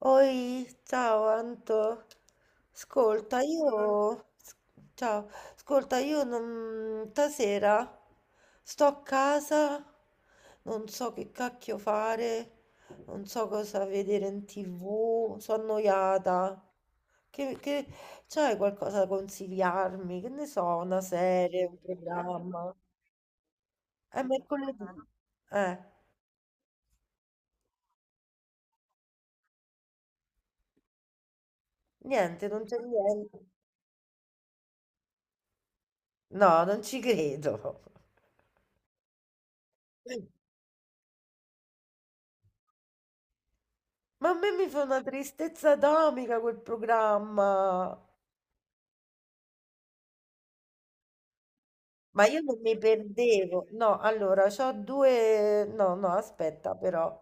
Oi, ciao Anto. Ascolta, ciao, ascolta, io non... stasera sto a casa, non so che cacchio fare, non so cosa vedere in TV, sono annoiata. Che, che... C'hai qualcosa da consigliarmi? Che ne so, una serie, un programma? È mercoledì. Eh, Niente, non c'è niente. No, non ci credo. Ma a me mi fa una tristezza atomica quel programma. Ma io non mi perdevo. No, allora, no, no, aspetta, però.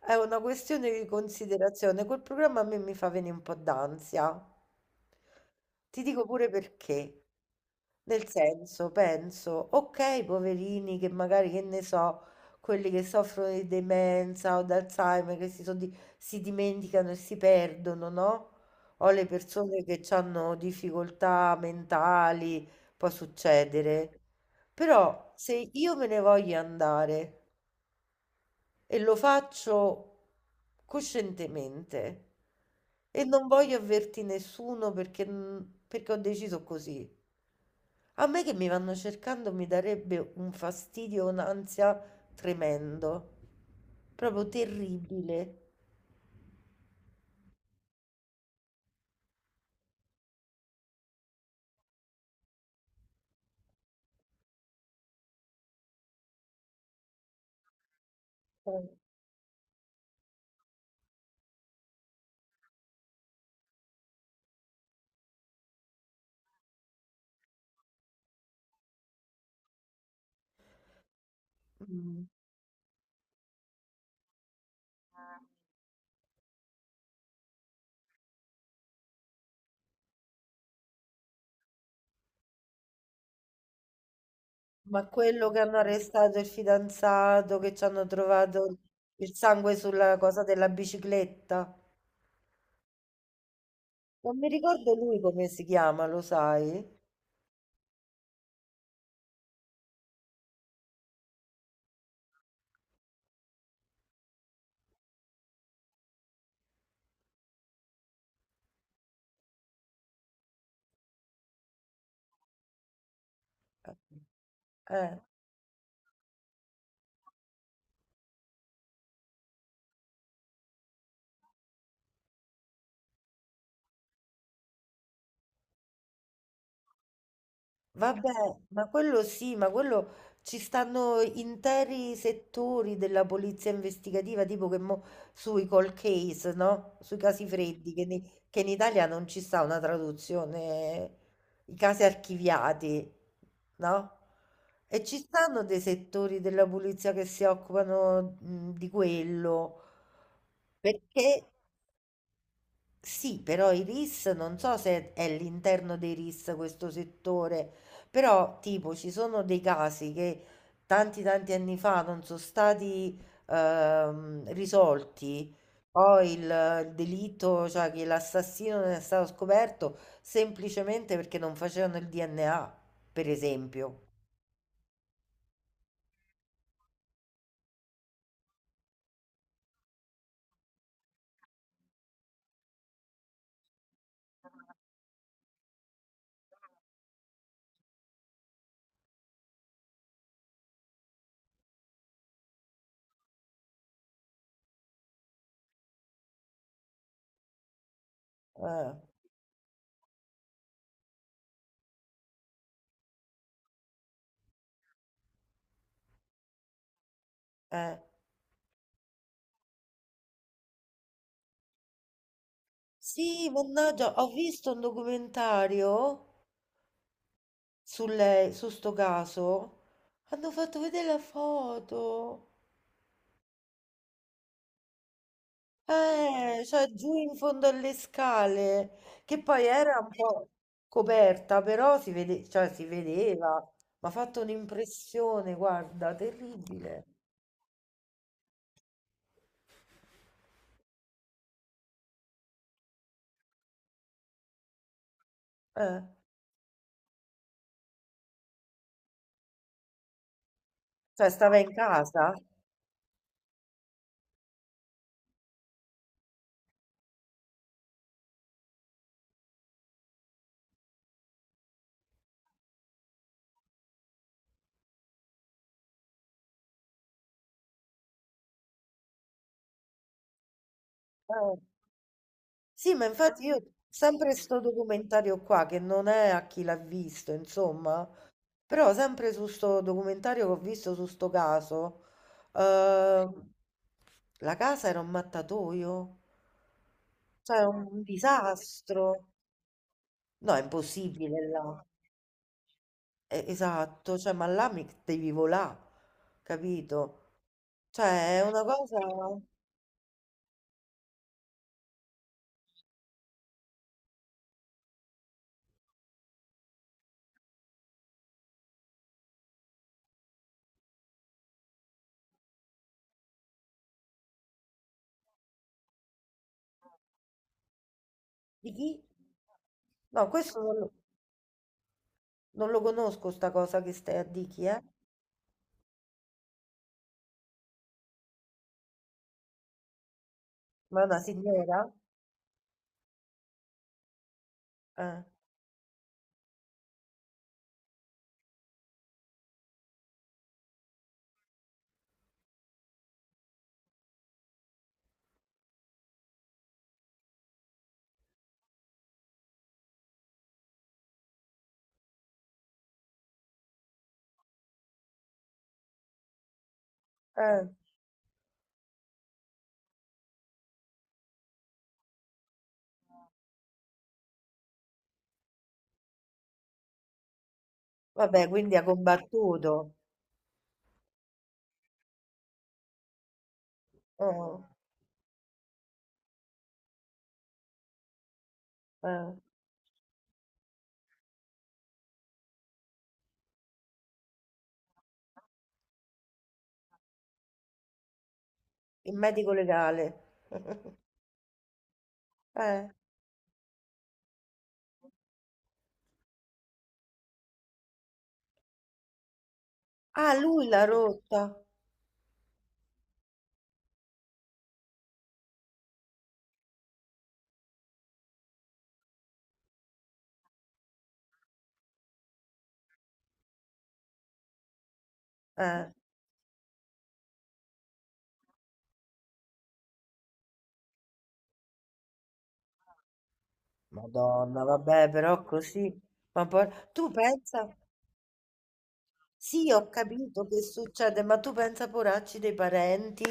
È una questione di considerazione. Quel programma a me mi fa venire un po' d'ansia. Ti dico pure perché. Nel senso, penso, ok, poverini che magari, che ne so, quelli che soffrono di demenza o d'Alzheimer, che si, si dimenticano e si perdono, no? O le persone che hanno difficoltà mentali, può succedere. Però se io me ne voglio andare, e lo faccio coscientemente e non voglio avverti nessuno perché ho deciso così. A me che mi vanno cercando mi darebbe un fastidio, un'ansia tremendo, proprio terribile. Cioè. Mm. Ma quello che hanno arrestato il fidanzato, che ci hanno trovato il sangue sulla cosa della bicicletta. Non mi ricordo lui come si chiama, lo sai? Eh, Vabbè, ma quello sì, ma quello ci stanno interi settori della polizia investigativa, tipo che mo, sui cold case, no? Sui casi freddi, che in Italia non ci sta una traduzione, i casi archiviati, no? E ci stanno dei settori della polizia che si occupano, di quello, perché sì, però i RIS non so se è all'interno dei RIS questo settore, però tipo ci sono dei casi che tanti tanti anni fa non sono stati risolti, poi il delitto, cioè che l'assassino non è stato scoperto semplicemente perché non facevano il DNA, per esempio. Eh, eh. Sì, mannaggia, ho visto un documentario su sto caso. Hanno fatto vedere la foto. Cioè giù in fondo alle scale, che poi era un po' coperta, però si vede, cioè, si vedeva, mi ha fatto un'impressione, guarda, terribile. Eh, cioè stava in casa. Eh. Sì, ma infatti io sempre sto documentario qua, che non è a chi l'ha visto, insomma, però sempre su sto documentario che ho visto su sto caso, sì. La casa era un mattatoio, cioè era un disastro. No, è impossibile là. Esatto, cioè, ma là mi devi volà, capito? Cioè, è una cosa. Di chi? No, questo non lo, conosco, sta cosa che stai a di chi, eh? Ma è una signora? Eh, eh. Vabbè, quindi ha combattuto. Oh, eh. Il medico legale. Eh. Ah, lui l'ha rotta. Eh. Madonna, vabbè, però così. Ma poi tu pensa, sì, ho capito che succede, ma tu pensa, poracci, dei parenti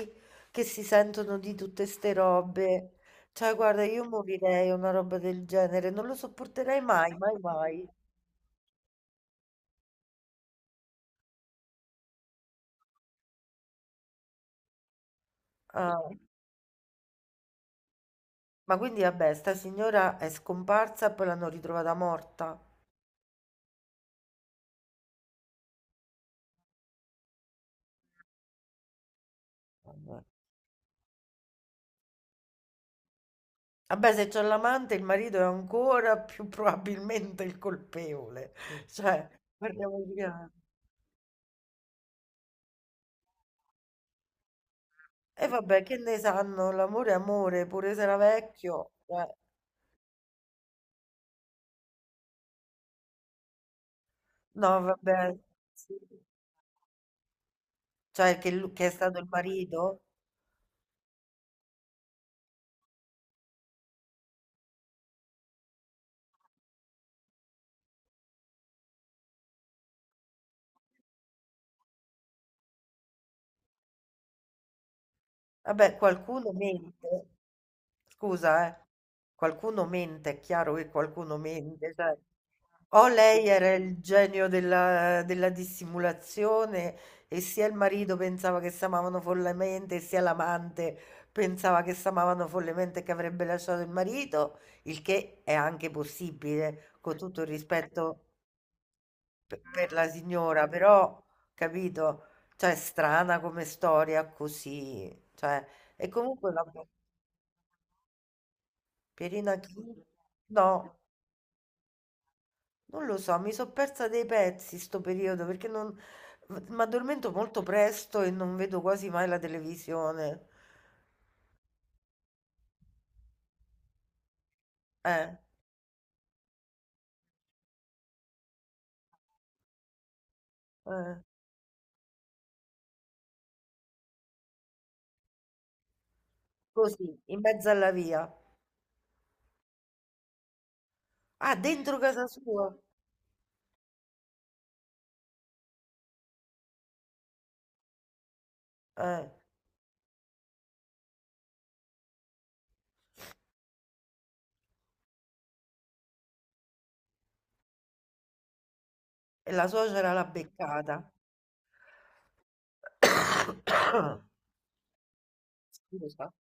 che si sentono di tutte ste robe. Cioè, guarda, io morirei a una roba del genere, non lo sopporterei mai, mai, mai. Ah. Ma quindi, vabbè, sta signora è scomparsa e poi l'hanno ritrovata morta. Vabbè, se c'è l'amante, il marito è ancora più probabilmente il colpevole. Cioè, parliamoci chiaro. E vabbè, che ne sanno? L'amore è amore, pure se era vecchio. Cioè, no, vabbè. Sì. Cioè, che è stato il marito? Vabbè, qualcuno mente. Scusa, eh. Qualcuno mente, è chiaro che qualcuno mente, cioè, o lei era il genio della dissimulazione e sia il marito pensava che si amavano follemente, sia l'amante pensava che si amavano follemente e che avrebbe lasciato il marito, il che è anche possibile, con tutto il rispetto per la signora, però, capito? Cioè, strana come storia così. Cioè, e comunque la Pierina chi? No, non lo so, mi sono persa dei pezzi sto periodo perché non. Mi addormento molto presto e non vedo quasi mai la televisione. Eh, eh, così, in mezzo alla via. Ah, dentro casa sua. Eh, e la suocera l'ha beccata. Scusa.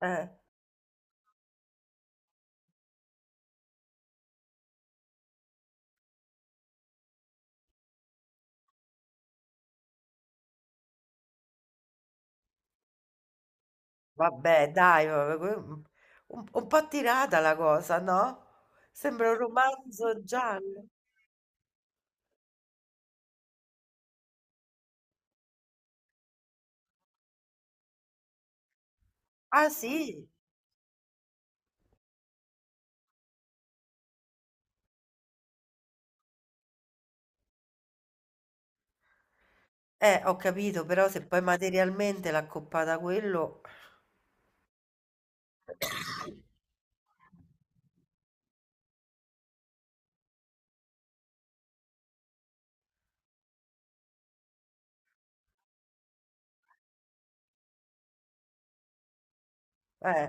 Eh. Vabbè, dai, vabbè, un po' tirata la cosa, no? Sembra un romanzo giallo. Ah, sì? Ho capito, però se poi materialmente l'ha accoppata a quello. Eh.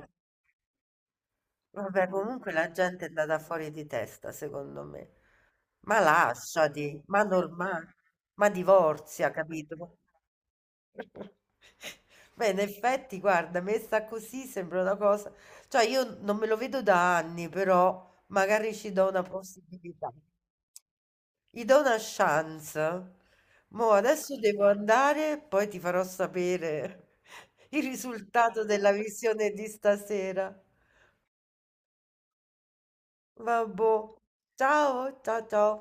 Vabbè, comunque la gente è andata fuori di testa, secondo me. Ma lasciati, ma normale, ma divorzia, capito? Beh, in effetti, guarda, messa così sembra una cosa. Cioè, io non me lo vedo da anni, però magari ci do una possibilità. Gli do una chance. Mo' adesso devo andare, poi ti farò sapere il risultato della visione di stasera. Vabbò. Ciao, ciao ciao.